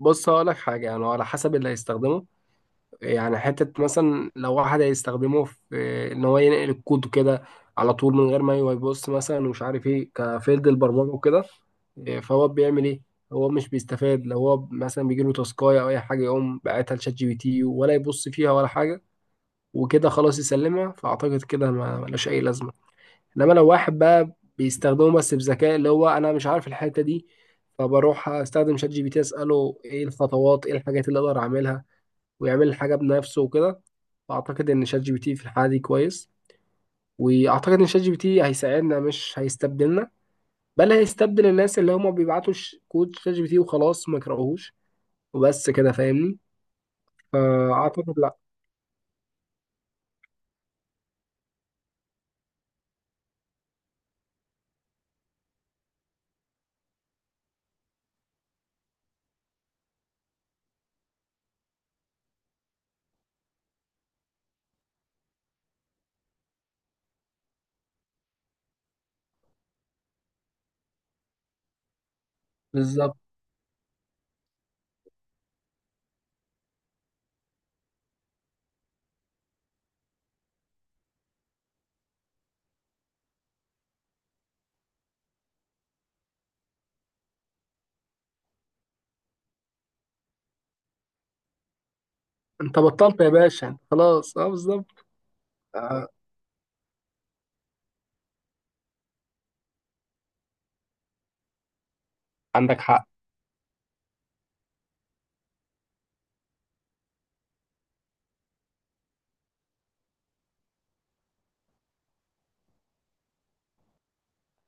بص هقول لك حاجة، يعني على حسب اللي هيستخدمه. يعني حتة مثلا لو واحد هيستخدمه في إن هو ينقل الكود كده على طول من غير ما يبص، مثلا ومش عارف إيه كفيلد البرمجة وكده. إيه، فهو بيعمل إيه؟ هو مش بيستفاد لو هو مثلا بيجيله تاسكاية أو أي حاجة يقوم باعتها لشات جي بي تي ولا يبص فيها ولا حاجة وكده خلاص يسلمها، فأعتقد كده ما ملوش أي لازمة. انما لو واحد بقى بيستخدمه بس بذكاء، اللي هو انا مش عارف الحته دي، فبروح استخدم شات جي بي تي اساله ايه الخطوات، ايه الحاجات اللي اقدر اعملها، ويعمل الحاجه بنفسه وكده. فاعتقد ان شات جي بي تي في الحاله دي كويس، واعتقد ان شات جي بي تي هيساعدنا مش هيستبدلنا. بل هيستبدل الناس اللي هم بيبعتوا كود شات جي بي تي وخلاص ما يقراوهوش، وبس كده فاهمني. فاعتقد لا. بالظبط. انت بطلت يا باشا خلاص، اه بالظبط. آه، عندك حق.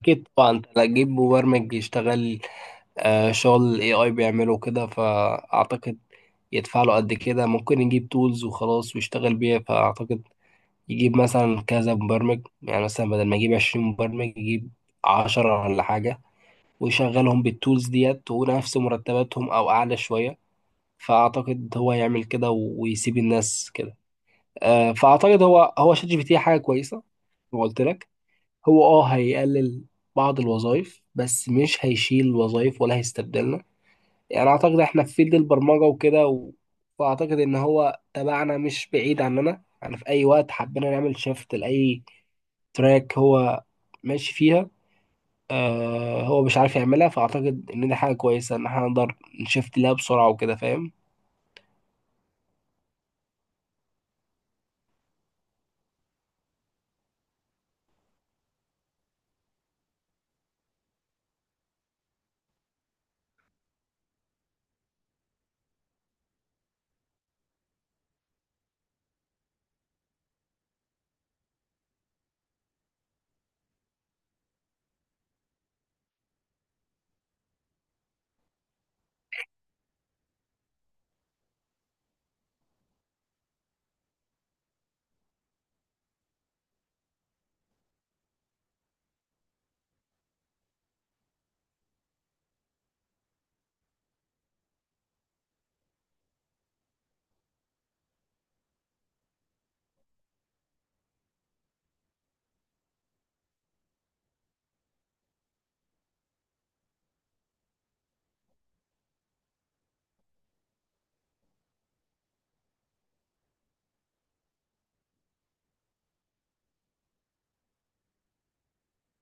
أكيد طبعا أنت لا تجيب مبرمج يشتغل. آه، شغل ال AI بيعمله كده، فأعتقد يدفع له قد كده. ممكن يجيب تولز وخلاص ويشتغل بيها. فأعتقد يجيب مثلا كذا مبرمج، يعني مثلا بدل ما يجيب 20 مبرمج يجيب 10 ولا حاجة، ويشغلهم بالتولز ديت ونفس مرتباتهم أو أعلى شوية. فأعتقد هو يعمل كده ويسيب الناس كده. آه، فأعتقد هو شات جي بي تي حاجة كويسة. زي ما قلت لك، هو هيقلل بعض الوظائف، بس مش هيشيل وظائف ولا هيستبدلنا. يعني اعتقد احنا في فيلد البرمجه وكده فاعتقد ان هو تبعنا مش بعيد عننا، يعني في اي وقت حبينا نعمل شيفت لاي تراك هو ماشي فيها. آه، هو مش عارف يعملها، فاعتقد ان دي حاجه كويسه، ان احنا نقدر نشفت لها بسرعه وكده فاهم.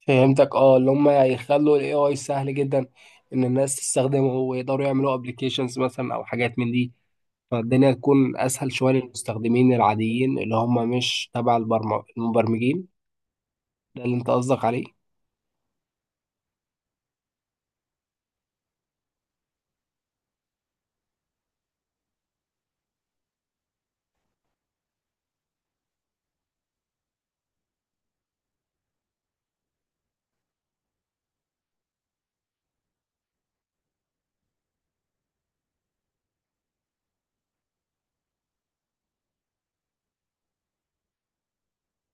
فهمتك، اه اللي هم يخلوا الاي اي سهل جدا، ان الناس تستخدمه ويقدروا يعملوا ابلكيشنز مثلا او حاجات من دي، فالدنيا تكون اسهل شويه للمستخدمين العاديين اللي هم مش تبع المبرمجين. ده اللي انت قصدك عليه.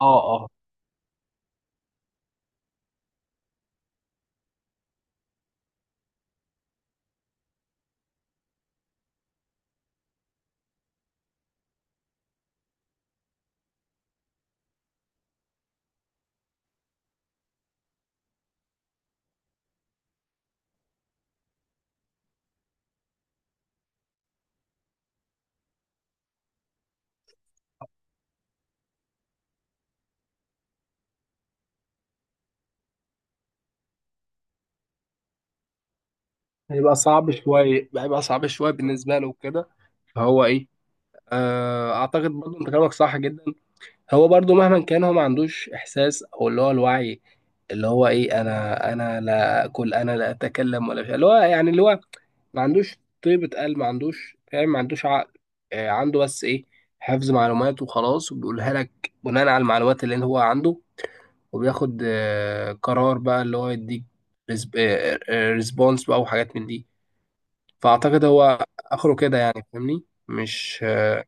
اه. اه، هيبقى صعب شوية، هيبقى صعب شوية بالنسبة له وكده. فهو ايه، آه اعتقد برضو انت كلامك صح جدا. هو برضو مهما كان هو ما عندوش احساس، او اللي هو الوعي، اللي هو ايه، انا لا اكل، انا لا اتكلم ولا شيء، اللي هو يعني اللي هو ما عندوش طيبة قلب، ما عندوش فاهم، ما عندوش عقل. آه عنده بس ايه، حفظ معلومات وخلاص، وبيقولها لك بناء على المعلومات اللي هو عنده، وبياخد آه قرار بقى اللي هو يديك ريسبونس بقى وحاجات من دي. فاعتقد هو اخره كده، يعني فاهمني مش آه،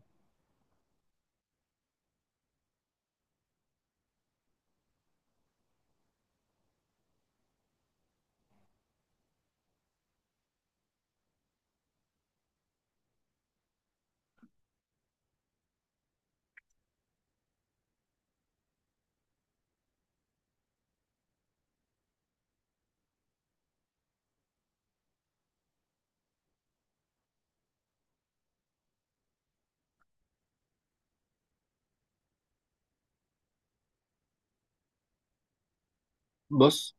بص.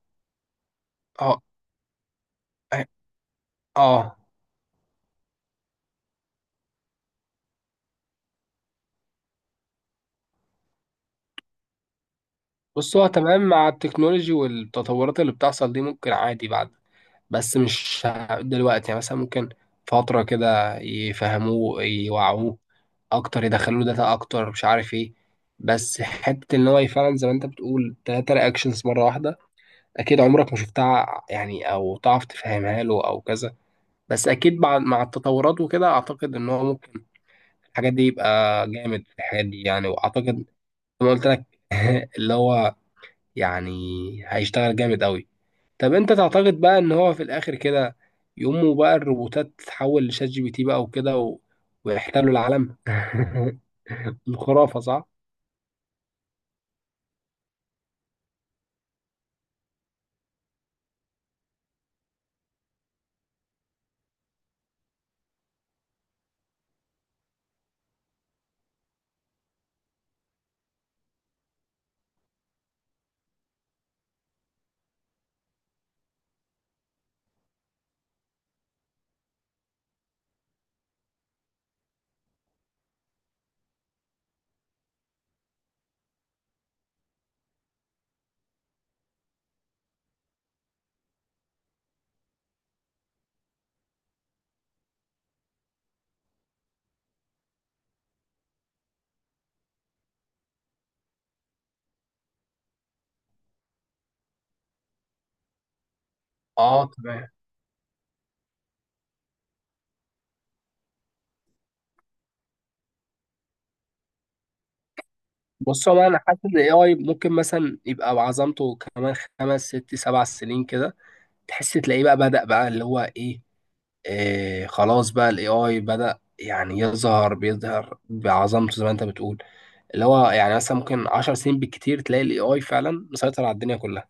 اه. اه بص، هو تمام مع التكنولوجي والتطورات اللي بتحصل دي ممكن عادي بعد، بس مش دلوقتي. يعني مثلا ممكن فترة كده يفهموه، يوعوه أكتر، يدخلوا له داتا أكتر، مش عارف إيه. بس حتة إن هو فعلا زي ما أنت بتقول 3 رياكشنز مرة واحدة، أكيد عمرك ما شفتها، يعني أو تعرف تفهمها له أو كذا. بس أكيد مع التطورات وكده أعتقد إن هو ممكن الحاجات دي يبقى جامد في الحاجات دي، يعني واعتقد زي ما قلت لك، اللي هو يعني هيشتغل جامد قوي. طب انت تعتقد بقى ان هو في الاخر كده يقوموا بقى الروبوتات تتحول لشات جي بي تي بقى وكده ويحتلوا العالم الخرافة صح؟ اه تمام. بص هو انا حاسس ان الاي اي ممكن مثلا يبقى بعظمته كمان 5 6 7 سنين كده، تحس تلاقيه بقى بدأ بقى اللي هو ايه، إيه خلاص بقى الاي اي بدأ يعني يظهر، بيظهر بعظمته زي ما انت بتقول. اللي هو يعني مثلا ممكن 10 سنين بالكتير تلاقي الاي اي فعلا مسيطر على الدنيا كلها.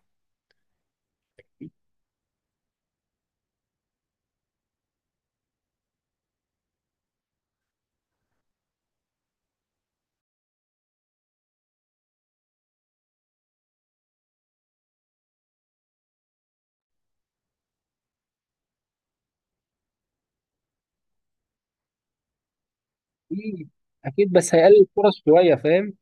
اكيد. اكيد بس هيقلل الفرص شويه فاهم.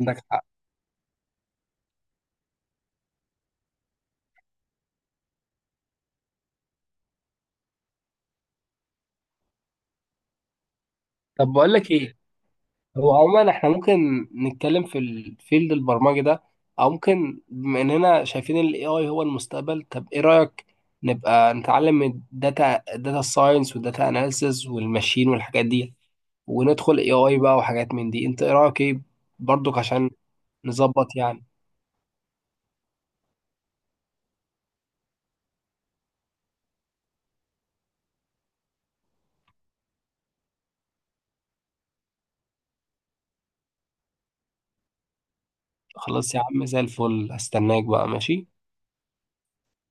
عندك حق. طب بقول لك ايه، هو عموما احنا ممكن نتكلم في الفيلد البرمجي ده، او ممكن بما اننا شايفين الاي اي هو المستقبل، طب ايه رأيك نبقى نتعلم الداتا، الداتا ساينس والداتا اناليسز والماشين والحاجات دي، وندخل اي اي بقى وحاجات من دي، انت ايه رأيك ايه برضك عشان نظبط يعني. خلاص يا عم زي الفل، استناك بقى ماشي.